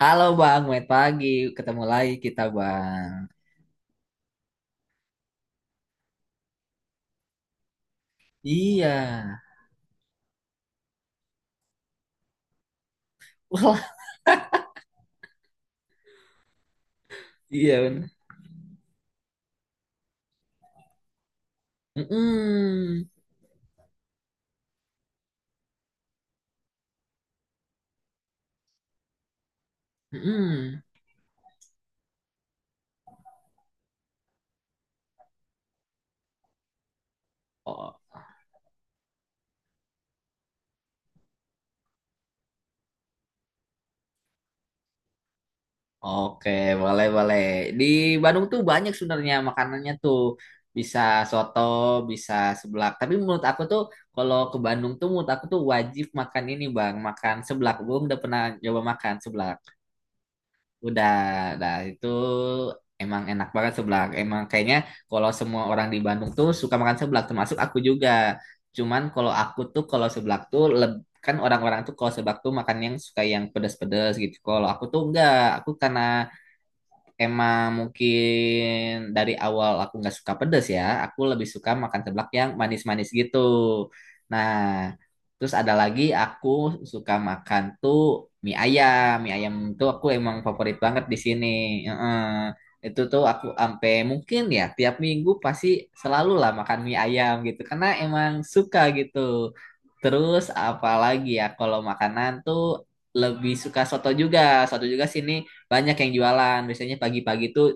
Halo Bang, selamat pagi. Ketemu lagi kita Bang. Iya. Wah, iya bener. Mm-mm. Mm-mm. Oh, oke, boleh boleh. Di Bandung tuh banyak sebenarnya makanannya tuh. Bisa soto, bisa seblak. Tapi menurut aku tuh kalau ke Bandung tuh menurut aku tuh wajib makan ini Bang, makan seblak. Belum udah pernah coba makan seblak. Udah, itu emang enak banget seblak. Emang kayaknya kalau semua orang di Bandung tuh suka makan seblak, termasuk aku juga. Cuman kalau aku tuh kalau seblak tuh kan orang-orang tuh kalau seblak tuh makan yang suka yang pedas-pedas gitu. Kalau aku tuh enggak, aku karena emang mungkin dari awal aku nggak suka pedas ya. Aku lebih suka makan seblak yang manis-manis gitu. Nah, terus ada lagi aku suka makan tuh mie ayam. Mie ayam tuh aku emang favorit banget di sini. Heeh. Itu tuh aku ampe mungkin ya tiap minggu pasti selalu lah makan mie ayam gitu. Karena emang suka gitu. Terus apalagi ya kalau makanan tuh lebih suka soto juga. Soto juga sini banyak yang jualan biasanya pagi-pagi tuh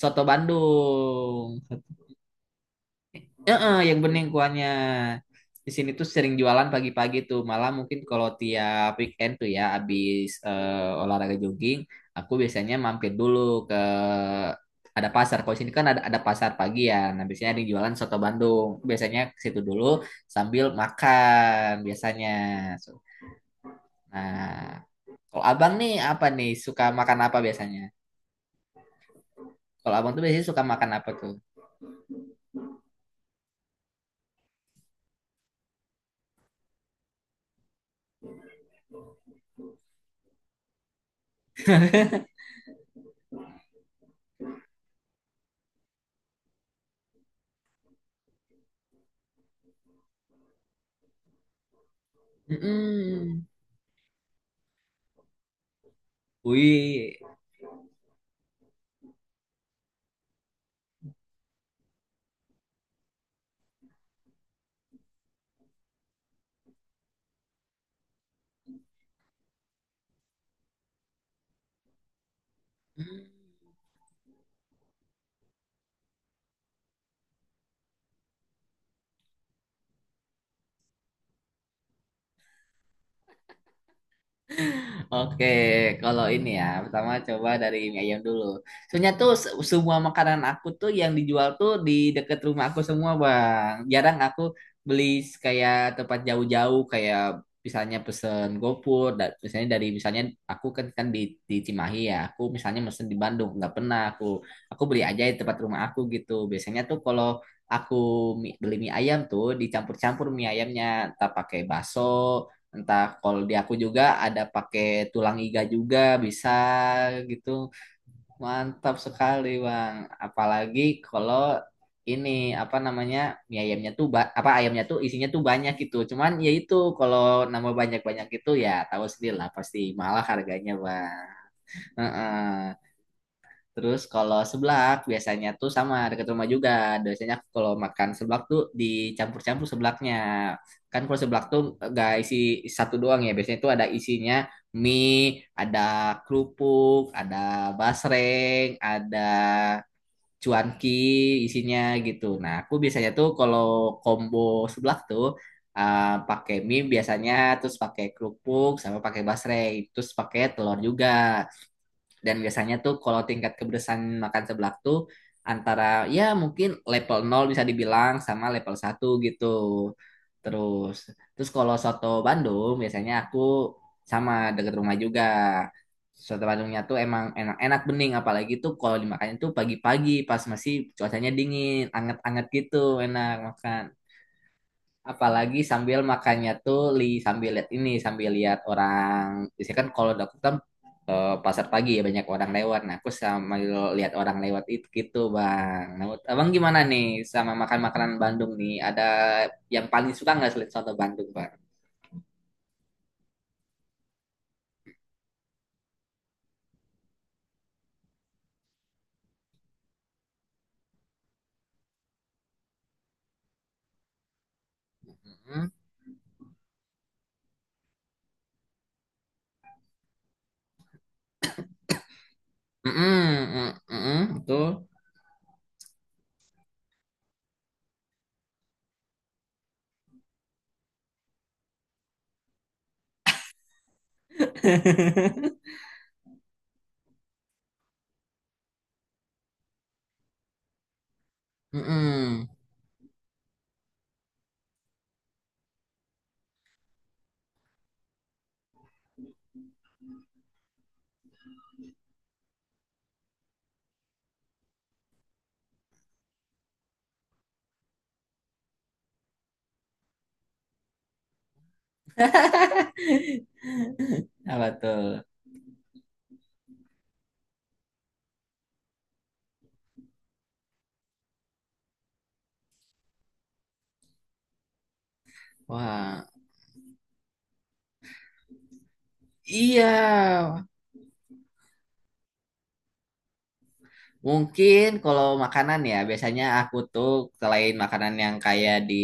soto Bandung. Heeh, yang bening kuahnya di sini tuh sering jualan pagi-pagi tuh, malah mungkin kalau tiap weekend tuh ya abis olahraga jogging, aku biasanya mampir dulu ke ada pasar. Kalau di sini kan ada pasar pagi ya, nah biasanya ada yang jualan soto Bandung, biasanya ke situ dulu sambil makan biasanya. So- nah, kalau abang nih apa nih, suka makan apa biasanya? Kalau abang tuh biasanya suka makan apa tuh? Mm-mm. Uy, Mm. Oke, kalau ini ya, pertama coba dari mie ayam dulu. Soalnya tuh semua makanan aku tuh yang dijual tuh di deket rumah aku semua, Bang. Jarang aku beli kayak tempat jauh-jauh kayak misalnya pesen GoFood, misalnya dari misalnya aku kan kan di Cimahi ya, aku misalnya mesen di Bandung, nggak pernah aku beli aja di tempat rumah aku gitu. Biasanya tuh kalau aku beli mie ayam tuh dicampur-campur mie ayamnya, entah pakai bakso, entah kalau di aku juga ada pakai tulang iga juga bisa gitu. Mantap sekali, Bang. Apalagi kalau ini apa namanya? Mie ayamnya tuh apa, ayamnya tuh isinya tuh banyak gitu. Cuman ya itu kalau nama banyak-banyak itu ya tahu sendiri lah pasti mahal harganya, Bang. Heeh. Terus kalau seblak biasanya tuh sama dekat rumah juga. Biasanya aku kalau makan seblak tuh dicampur-campur seblaknya. Kan kalau seblak tuh gak isi satu doang ya. Biasanya tuh ada isinya mie, ada kerupuk, ada basreng, ada cuanki isinya gitu. Nah, aku biasanya tuh kalau combo seblak tuh eh, pakai mie biasanya, terus pakai kerupuk sama pakai basreng, terus pakai telur juga. Dan biasanya tuh kalau tingkat kepedesan makan seblak tuh antara ya mungkin level 0 bisa dibilang sama level 1 gitu. Terus terus kalau soto Bandung biasanya aku sama deket rumah juga. Soto Bandungnya tuh emang enak-enak bening, apalagi tuh kalau dimakannya tuh pagi-pagi pas masih cuacanya dingin, anget-anget gitu enak makan, apalagi sambil makannya tuh sambil lihat ini, sambil lihat orang. Biasanya kan kalau dapur kan pasar pagi ya banyak orang lewat, nah aku sambil lihat orang lewat itu gitu, bang. Nah, menurut abang gimana nih sama makan makanan Bandung nih, ada yang paling suka nggak selain soto Bandung, bang? Mm-mm. Mm-mm, mm, mm-mm, betul. Mm-mm. Apa tuh? Wah, iya. Mungkin kalau makanan ya, biasanya aku tuh selain makanan yang kayak di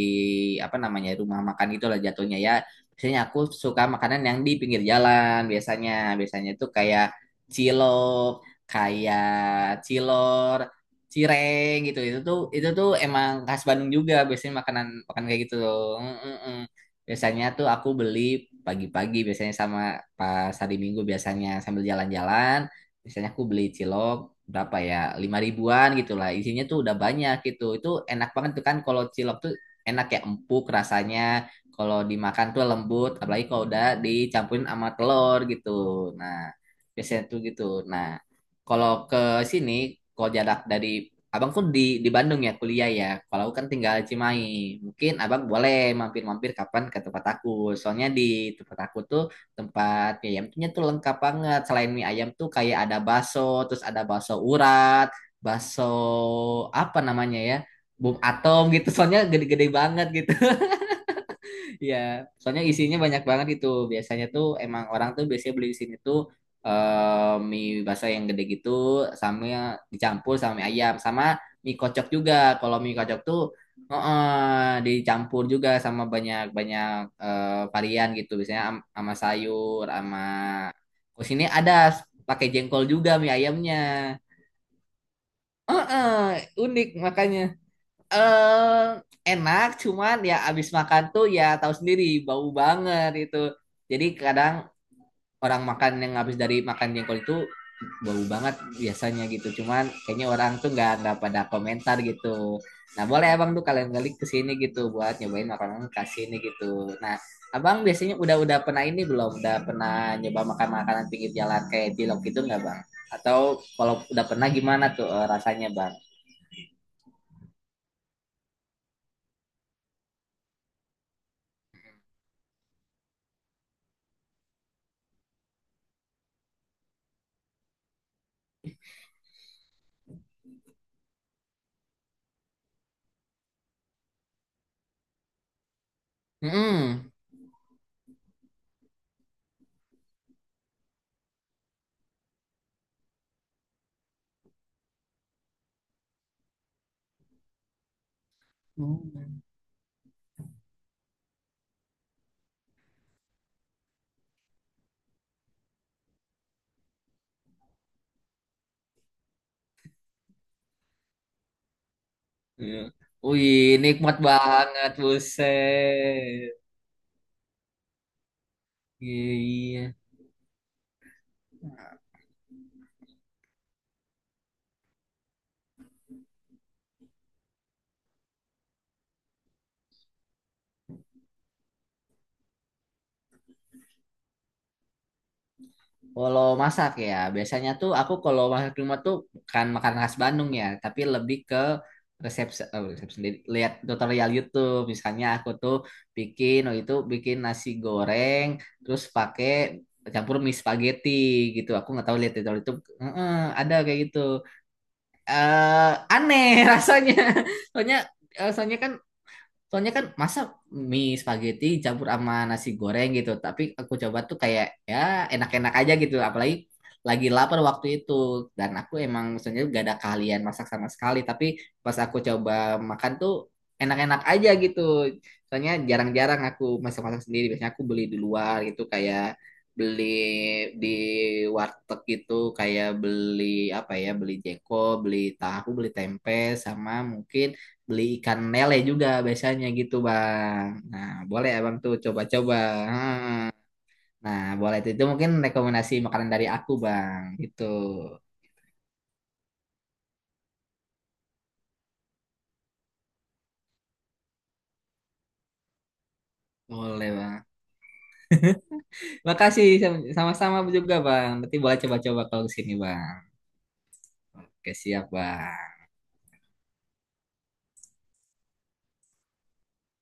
apa namanya rumah makan gitu lah jatuhnya ya. Biasanya aku suka makanan yang di pinggir jalan biasanya. Biasanya tuh kayak cilok, kayak cilor, cireng gitu. Itu tuh emang khas Bandung juga, biasanya makan kayak gitu tuh. Mm-mm-mm. Biasanya tuh aku beli pagi-pagi, biasanya sama pas hari Minggu biasanya sambil jalan-jalan, misalnya aku beli cilok berapa ya 5 ribuan gitu lah, isinya tuh udah banyak gitu, itu enak banget tuh. Kan kalau cilok tuh enak ya, empuk rasanya kalau dimakan tuh lembut, apalagi kalau udah dicampurin sama telur gitu. Nah biasanya tuh gitu. Nah kalau ke sini, kalau jarak dari abang kan di Bandung ya kuliah ya, kalau aku kan tinggal Cimahi, mungkin abang boleh mampir-mampir kapan ke tempat aku. Soalnya di tempat aku tuh tempat mie ayamnya tuh lengkap banget. Selain mie ayam tuh kayak ada bakso, terus ada bakso urat, bakso apa namanya ya, bom atom gitu. Soalnya gede-gede banget gitu. Iya, soalnya isinya banyak banget itu. Biasanya tuh emang orang tuh biasanya beli di sini tuh mie basah yang gede gitu, sama dicampur sama mie ayam sama mie kocok juga. Kalau mie kocok tuh dicampur juga sama banyak-banyak varian gitu. Biasanya sama sayur, sama terus ini ada pakai jengkol juga mie ayamnya. Heeh, unik makanya eh enak, cuman ya abis makan tuh ya tahu sendiri bau banget itu, jadi kadang orang makan yang habis dari makan jengkol itu bau banget biasanya gitu, cuman kayaknya orang tuh nggak pada komentar gitu. Nah boleh abang tuh kalian balik ke sini gitu buat nyobain makanan khas sini gitu. Nah abang biasanya udah pernah ini belum, udah pernah nyoba makan makanan pinggir jalan kayak cilok gitu nggak bang? Atau kalau udah pernah gimana tuh rasanya bang? Mm-mm. Hmm. Iya. Wih, nikmat banget, buset. Iya, iya. Kalau masak ya, biasanya tuh aku kalau masak di rumah tuh kan makan khas Bandung ya, tapi lebih ke resep, resep sendiri. Lihat tutorial YouTube, misalnya aku tuh bikin, oh itu bikin nasi goreng, terus pakai campur mie spaghetti gitu. Aku nggak tahu, lihat tutorial YouTube, Heeh, ada kayak gitu. Eh, Aneh rasanya, soalnya, eh, soalnya kan Soalnya kan masa mie spaghetti campur sama nasi goreng gitu. Tapi aku coba tuh kayak ya enak-enak aja gitu. Apalagi lagi lapar waktu itu. Dan aku emang sebenarnya gak ada keahlian masak sama sekali. Tapi pas aku coba makan tuh enak-enak aja gitu. Soalnya jarang-jarang aku masak-masak sendiri. Biasanya aku beli di luar gitu, kayak beli di warteg gitu, kayak beli apa ya, beli jeko, beli tahu, beli tempe sama mungkin beli ikan lele juga biasanya gitu bang. Nah boleh abang tuh coba-coba. Hmm. Nah boleh itu mungkin rekomendasi makanan dari aku bang gitu. Boleh bang. Makasih sama-sama juga bang. Nanti boleh coba-coba kalau kesini bang. Oke siap bang.